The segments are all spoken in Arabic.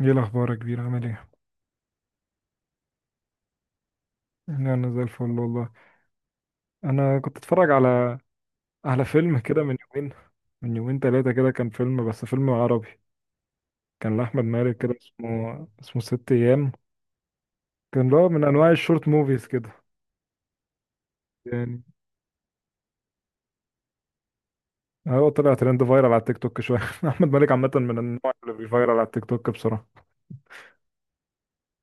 ايه الاخبار يا كبير؟ عامل ايه؟ انا زي الفل والله. انا كنت اتفرج على فيلم كده من يومين. من يومين ثلاثه كده، كان فيلم، بس فيلم عربي. كان لاحمد مالك كده، اسمه ست ايام. كان اللي هو من انواع الشورت موفيز كده يعني. هو طلع ترند فايرال على التيك توك شويه. احمد مالك عامه من النوع اللي بيفايرال على التيك توك بسرعه.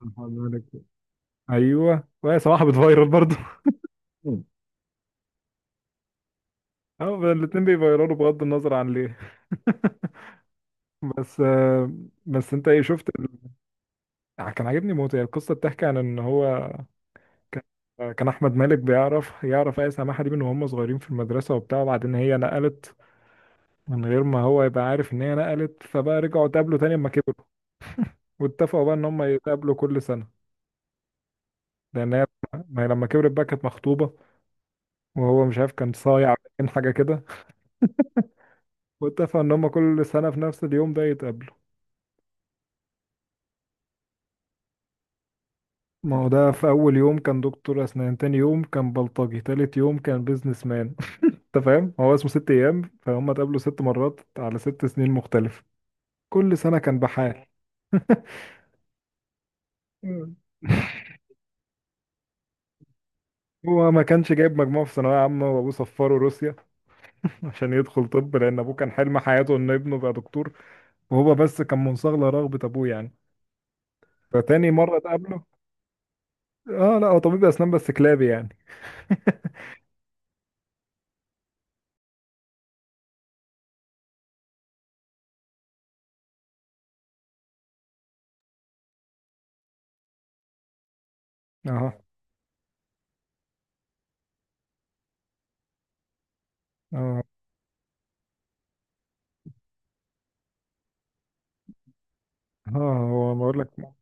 أحمد مالك، ايوه، وهي صراحه بتفايرال برضه. اه، الاتنين بيفايرالوا بغض النظر عن ليه. بس آه، بس انت ايه شفت؟ يعني كان عاجبني موت. هي القصه بتحكي عن ان هو كان كان احمد مالك بيعرف ايه سماحه دي من وهم صغيرين في المدرسه وبتاع، وبعدين هي نقلت من غير ما هو يبقى عارف ان هي نقلت، فبقى رجعوا اتقابلوا تاني لما كبروا، واتفقوا بقى ان هم يتقابلوا كل سنه. لان هي ما هي لما كبرت بقى كانت مخطوبه، وهو مش عارف، كان صايع ولا كان حاجه كده. واتفقوا ان هم كل سنه في نفس اليوم ده يتقابلوا. ما هو ده في اول يوم كان دكتور اسنان، تاني يوم كان بلطجي، تالت يوم كان بيزنس مان. انت فاهم؟ هو اسمه ست ايام، فهم اتقابلوا 6 مرات على 6 سنين مختلفة، كل سنة كان بحال. مم. هو ما كانش جايب مجموع في ثانوية عامة، وابوه سفره روسيا عشان يدخل طب، لان ابوه كان حلم حياته ان ابنه يبقى دكتور. وهو بس كان منصاغ لرغبة ابوه يعني. فتاني مرة اتقابله، اه لا، هو طبيب اسنان بس كلابي يعني. اه، اه، اه، هو بقول لك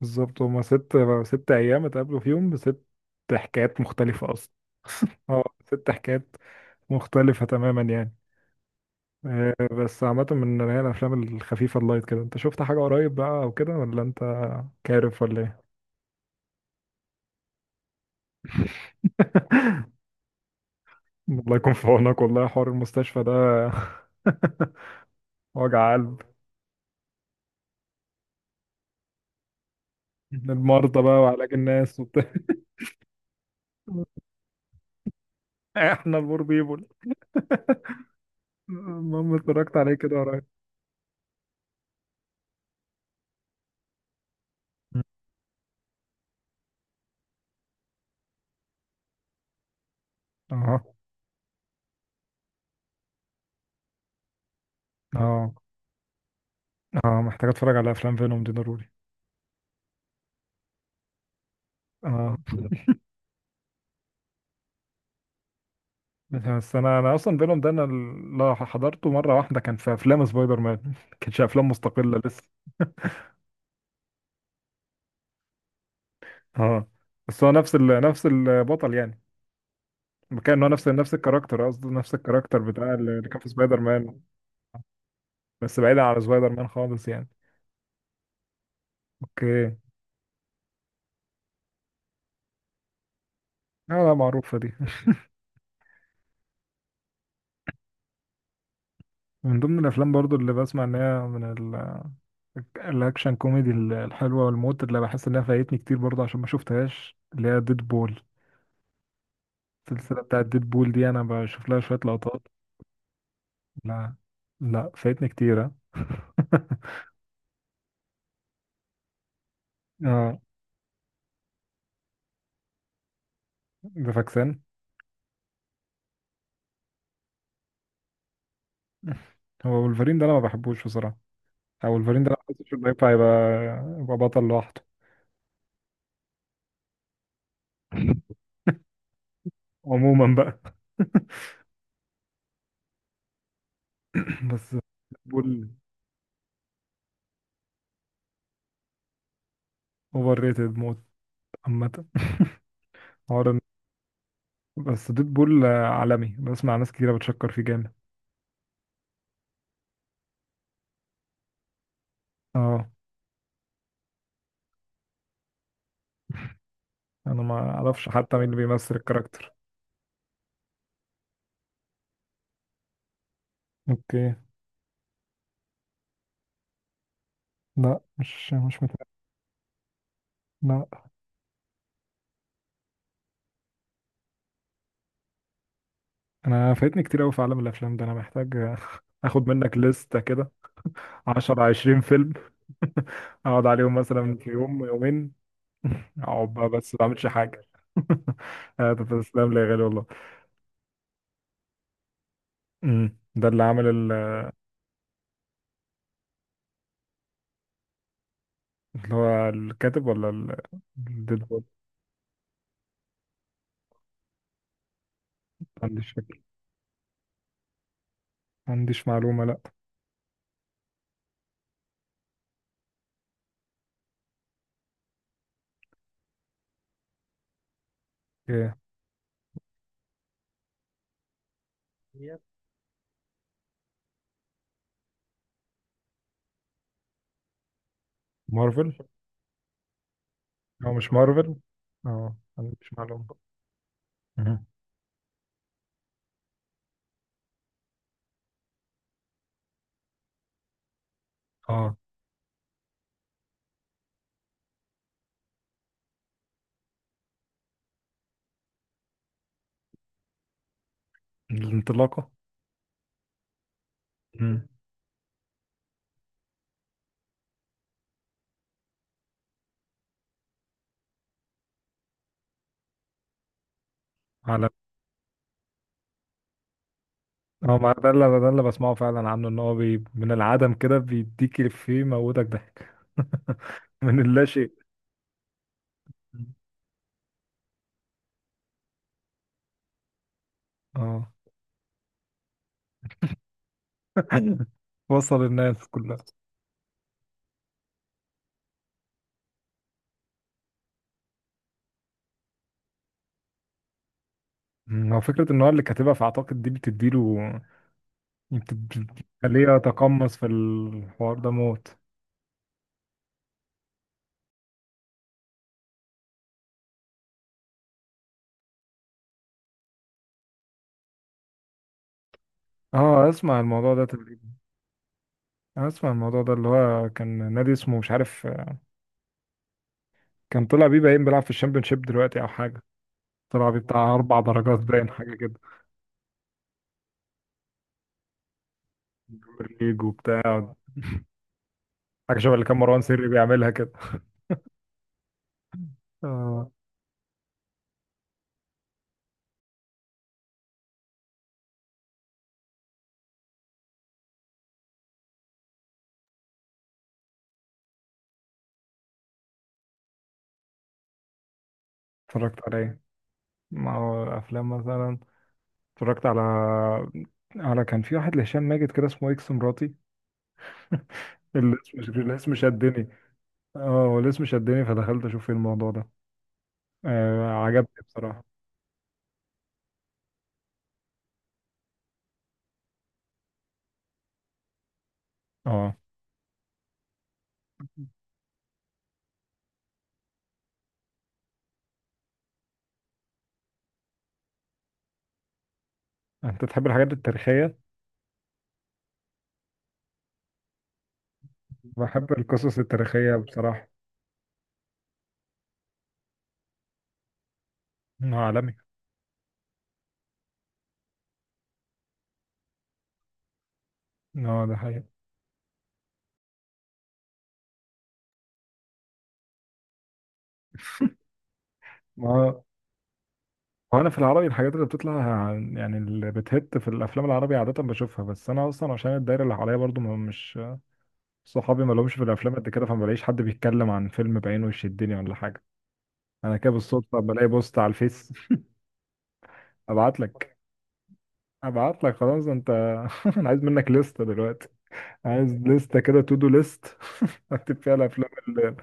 بالظبط. هما ست، ست ايام اتقابلوا فيهم بست حكايات مختلفة اصلا. اه، ست حكايات مختلفة تماما يعني. آه، بس عامة من اللي هي الأفلام الخفيفة اللايت كده، أنت شفت حاجة قريب بقى أو كده، ولا أنت كارف ولا إيه؟ الله يكون في عونك والله، حوار المستشفى ده وجع قلب. المرضى بقى وعلاج الناس وبتاع. احنا البور بيبول. المهم، اتفرجت عليه كده قريب. اه، اه، اه، محتاج اتفرج على افلام فينوم دي ضروري. اه، بس انا اصلا فينوم ده، انا اللي حضرته مره واحده كان في افلام سبايدر مان. ما كانش افلام مستقله لسه. اه، بس هو نفس البطل يعني. كان هو نفس الكاركتر، قصدي نفس الكاركتر بتاع اللي كان في سبايدر مان، بس بعيدا عن سبايدر مان خالص يعني. اوكي. لا، لا، معروفه دي. من ضمن الافلام برضو اللي بسمع ان هي من ال... الاكشن كوميدي، الحلوه والموت، اللي بحس انها فايتني كتير برضو عشان ما شفتهاش، اللي هي ديد بول. السلسله بتاعت ديد بول دي انا بشوف لها شويه لقطات. لا، لا، فايتني كتير. ها. اه، ده فاكسان. هو ولفرين ده انا ما بحبوش بصراحه. او ولفرين ده انا حاسس انه ينفع يبقى بطل لوحده. عموما بقى. بس بول اوفر ريتد موت عامه. حوار إن- بس ديد بول عالمي، بسمع ناس كتيره بتشكر فيه جامد. اه، انا ما اعرفش حتى مين اللي بيمثل الكاركتر. اوكي. لا، مش متابع. لا، انا فايتني كتير قوي في عالم الافلام ده، انا محتاج اخد منك لستة كده، 10 20 فيلم. اقعد عليهم مثلا في يوم يومين. اقعد بقى، بس ما بعملش حاجة. تسلم لي يا غالي والله. ده اللي عامل اللي هو الكاتب، ولا ديدبول؟ ما عنديش فكرة، ما عنديش معلومة، لا. ايه؟ مارفل. هو مش مارفل. اه، ما عنديش معلومة. أها. اه، الانطلاقة. أمم، على هو ما، ده اللي بسمعه فعلا عنه، ان هو من العدم كده بيديك الإفيه يموتك ضحك. من اللا شيء. اه وصل الناس كلها. هو فكرة ان هو اللي كاتبها، فاعتقد دي بتديله، بتخليه يتقمص في الحوار ده موت. اه، اسمع الموضوع ده تقريبا. اسمع الموضوع ده، اللي هو كان نادي اسمه مش عارف، كان طلع بيه باين بيلعب في الشامبيونشيب دلوقتي او حاجة. طلع بيه بتاع 4 درجات باين حاجة كده. بريمير ليج وبتاع، حاجة شبه اللي كان مروان سري بيعملها. آه، اتفرجت على ايه؟ ما هو افلام مثلا، اتفرجت على كان في واحد لهشام ماجد كده اسمه اكس مراتي. الاسم شدني، اه. هو الاسم شدني، فدخلت اشوف ايه الموضوع ده. عجبني بصراحة. اه، انت تحب الحاجات التاريخية. بحب القصص التاريخية بصراحة. انه عالمي. اه، ده حقيقة. ما هو، هو انا في العربي الحاجات اللي بتطلع يعني اللي بتهت في الافلام العربي عادة بشوفها، بس انا اصلا عشان الدايرة اللي حواليا برضو مش صحابي ما لهمش في الافلام قد كده، فما بلاقيش حد بيتكلم عن فيلم بعينه يشدني ولا حاجه. انا كده بالصدفه بلاقي بوست على الفيس. ابعت لك ابعت لك خلاص انت. انا عايز منك لستة دلوقتي، عايز لستة كده تو دو ليست. اكتب فيها الافلام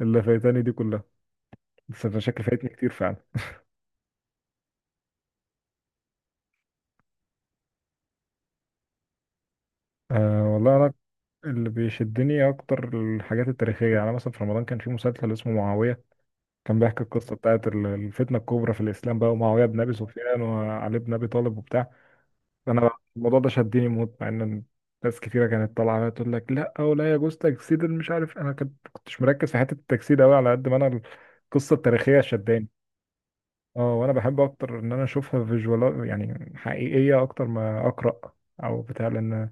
اللي فايتاني دي كلها. بس انا شكلي فايتني كتير فعلا. أه والله انا، اللي بيشدني اكتر الحاجات التاريخيه يعني، أنا مثلا في رمضان كان في مسلسل اسمه معاويه، كان بيحكي القصه بتاعت الفتنه الكبرى في الاسلام بقى، ومعاويه بن ابي سفيان وعلي بن ابي طالب وبتاع. انا الموضوع ده شدني موت، مع ان ناس كتيره كانت طالعه عليا تقول لك لا، او لا يجوز تجسيد، مش عارف، انا كنتش مركز في حته التجسيد قوي، على قد ما انا القصه التاريخيه شداني. اه، وانا بحب اكتر ان انا اشوفها فيجوال يعني حقيقيه، اكتر ما اقرا او بتاع، لان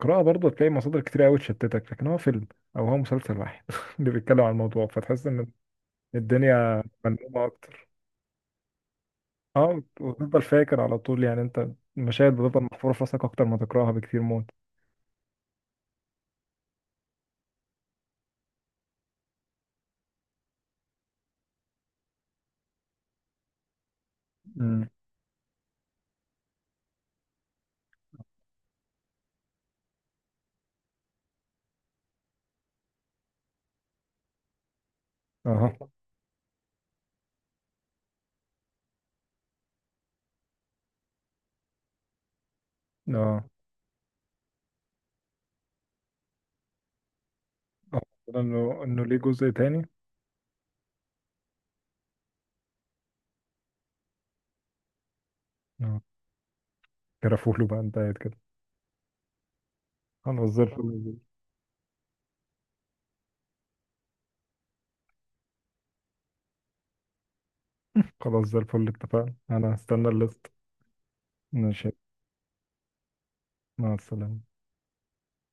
القراءه برضه تلاقي مصادر كتير قوي تشتتك، لكن هو فيلم او هو مسلسل واحد اللي بيتكلم عن الموضوع، فتحس ان الدنيا ملمومه اكتر. اه، وتفضل فاكر على طول يعني، انت المشاهد بتفضل محفوره في راسك اكتر ما تقراها بكتير. موت. اه، اه، اه، انه ليه جزء تاني؟ اه، كرفوله بقى انت قاعد كده. خلاص، زي الفل. خلاص، زي الفل، اتفقنا، انا هستنى الليست. ماشي. مع السلامة.